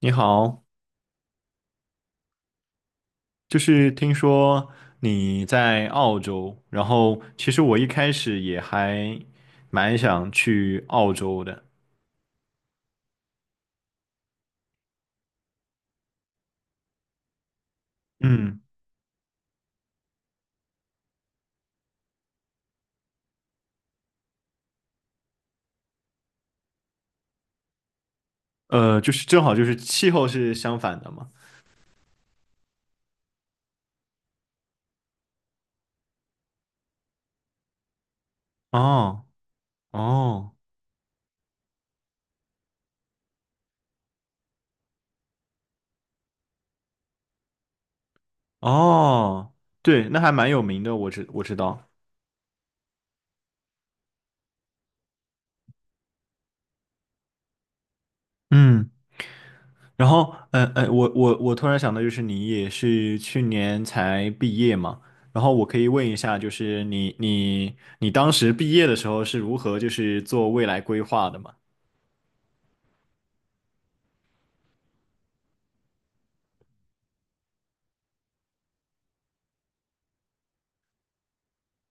你好，就是听说你在澳洲，然后其实我一开始也还蛮想去澳洲的。嗯。就是正好就是气候是相反的嘛。哦哦哦，对，那还蛮有名的，我知道，嗯。然后，我突然想到，就是你也是去年才毕业嘛，然后我可以问一下，就是你当时毕业的时候是如何就是做未来规划的嘛？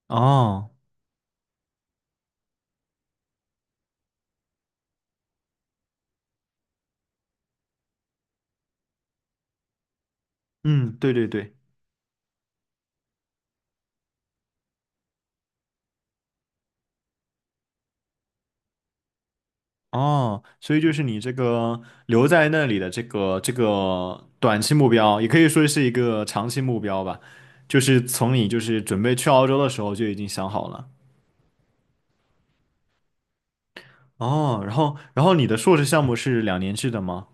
哦。嗯。对对对。哦，所以就是你这个留在那里的这个短期目标，也可以说是一个长期目标吧，就是从你就是准备去澳洲的时候就已经想好了。哦，然后然后你的硕士项目是2年制的吗？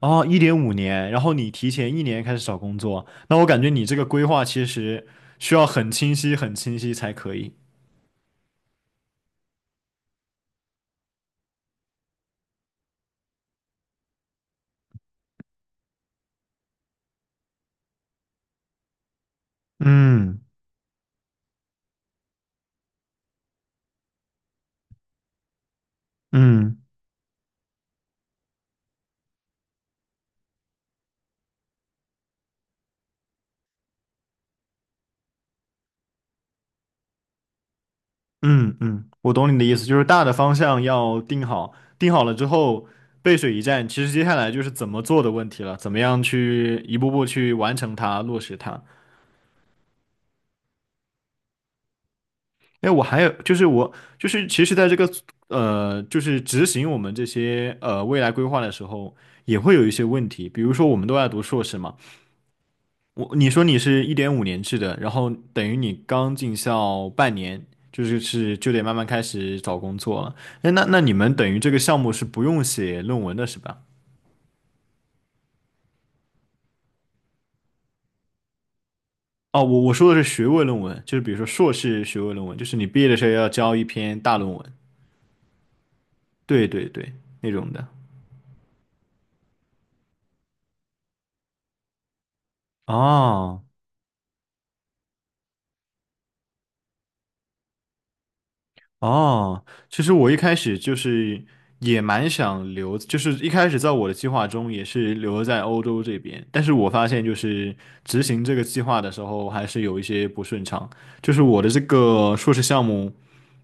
哦，一点五年。然后你提前1年开始找工作，那我感觉你这个规划其实需要很清晰、很清晰才可以。嗯嗯嗯，我懂你的意思，就是大的方向要定好，定好了之后背水一战，其实接下来就是怎么做的问题了，怎么样去一步步去完成它、落实它。哎，我还有就是我就是其实在这个就是执行我们这些未来规划的时候，也会有一些问题，比如说我们都在读硕士嘛。你说你是1.5年制的，然后等于你刚进校半年，就是就得慢慢开始找工作了。哎，那那你们等于这个项目是不用写论文的是吧？哦，我说的是学位论文，就是比如说硕士学位论文，就是你毕业的时候要交一篇大论文。对对对，那种的。哦。哦。其实我一开始就是也蛮想留，就是一开始在我的计划中也是留在欧洲这边，但是我发现就是执行这个计划的时候还是有一些不顺畅，就是我的这个硕士项目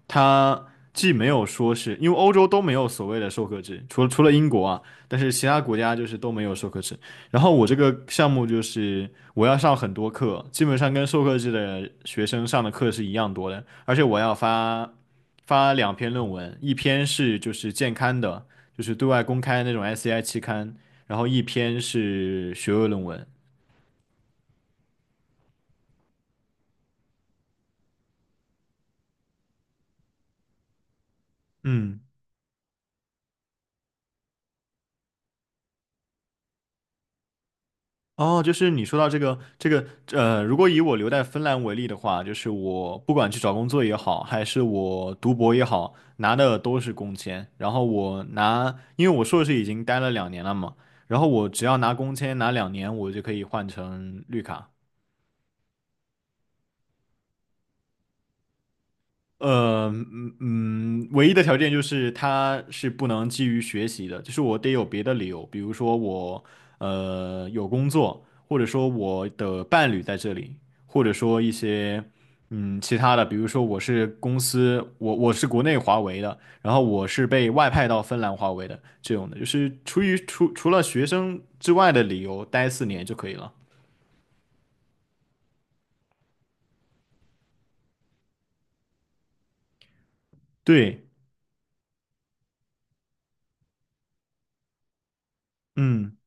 它既没有说是因为欧洲都没有所谓的授课制，除了英国啊，但是其他国家就是都没有授课制。然后我这个项目就是我要上很多课，基本上跟授课制的学生上的课是一样多的，而且我要发两篇论文，一篇是就是健刊的，就是对外公开那种 SCI 期刊，然后一篇是学位论文。嗯。哦，就是你说到这个如果以我留在芬兰为例的话，就是我不管去找工作也好，还是我读博也好，拿的都是工签。然后我拿，因为我硕士已经待了两年了嘛，然后我只要拿工签拿两年，我就可以换成绿卡。唯一的条件就是他是不能基于学习的，就是我得有别的理由，比如说我有工作，或者说我的伴侣在这里，或者说一些其他的，比如说我是公司，我是国内华为的，然后我是被外派到芬兰华为的这种的，就是出于除了学生之外的理由待4年就可以了。对。嗯。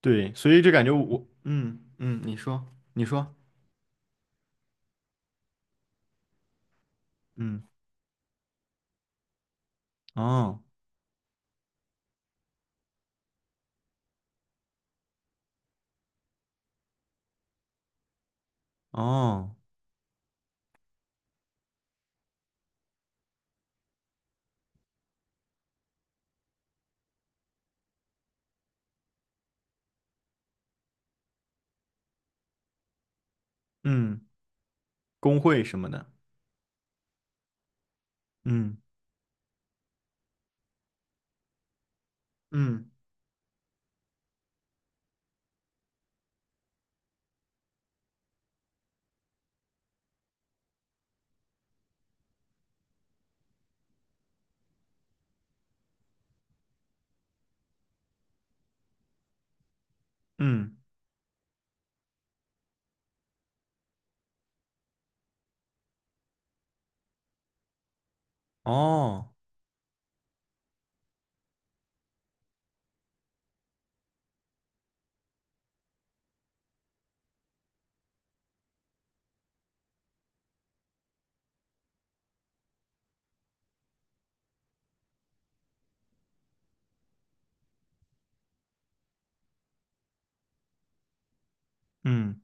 对，所以就感觉我。嗯，你说，你说。嗯。哦哦，嗯，工会什么的。嗯嗯嗯。哦。嗯。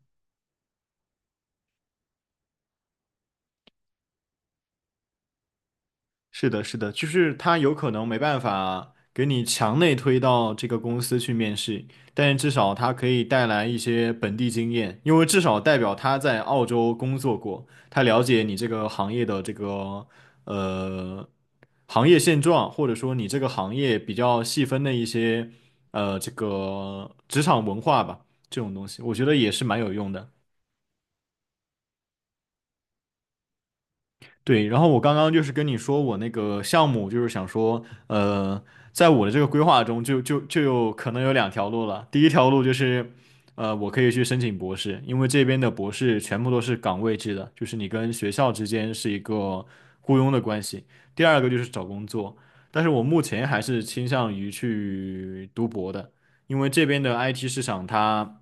是的，是的，就是他有可能没办法给你强内推到这个公司去面试，但是至少他可以带来一些本地经验，因为至少代表他在澳洲工作过，他了解你这个行业的这个呃行业现状，或者说你这个行业比较细分的一些这个职场文化吧，这种东西，我觉得也是蛮有用的。对，然后我刚刚就是跟你说我那个项目，就是想说，在我的这个规划中就有可能有两条路了。第一条路就是，我可以去申请博士，因为这边的博士全部都是岗位制的，就是你跟学校之间是一个雇佣的关系。第二个就是找工作，但是我目前还是倾向于去读博的，因为这边的 IT 市场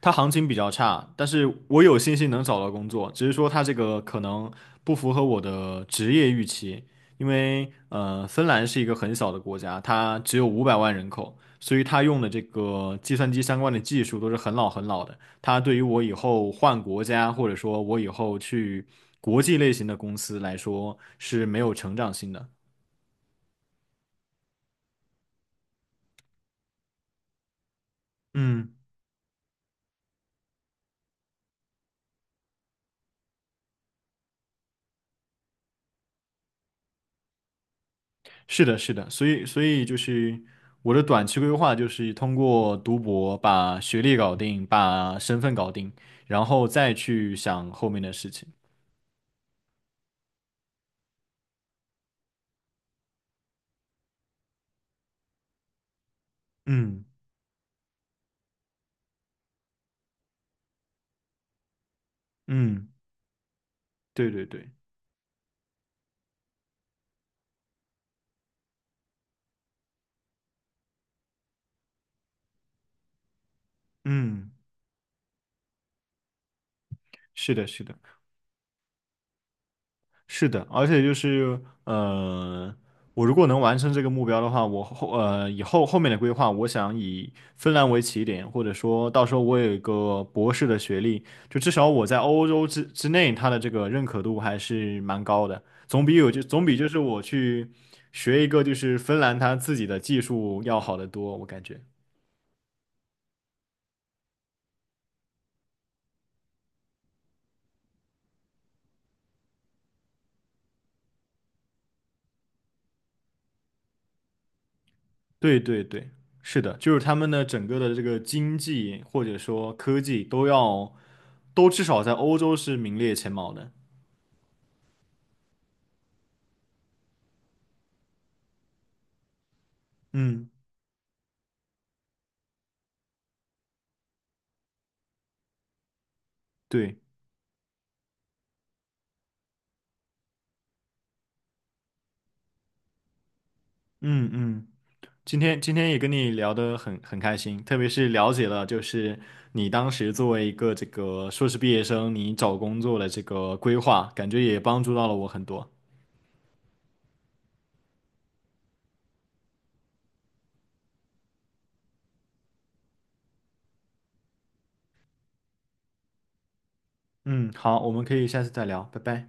它行情比较差，但是我有信心能找到工作，只是说它这个可能不符合我的职业预期，因为芬兰是一个很小的国家，它只有500万人口，所以它用的这个计算机相关的技术都是很老很老的，它对于我以后换国家，或者说我以后去国际类型的公司来说是没有成长性的。嗯。是的，是的，所以就是我的短期规划就是通过读博把学历搞定，把身份搞定，然后再去想后面的事情。嗯嗯，对对对，嗯，是的，是的。是的，而且就是我如果能完成这个目标的话，以后后面的规划，我想以芬兰为起点，或者说到时候我有一个博士的学历，就至少我在欧洲之内，它的这个认可度还是蛮高的，总比就是我去学一个就是芬兰它自己的技术要好得多，我感觉。对对对，是的，就是他们的整个的这个经济或者说科技都要，都至少在欧洲是名列前茅的。嗯，对。嗯嗯，今天也跟你聊得很开心，特别是了解了就是你当时作为一个这个硕士毕业生，你找工作的这个规划，感觉也帮助到了我很多。嗯，好，我们可以下次再聊，拜拜。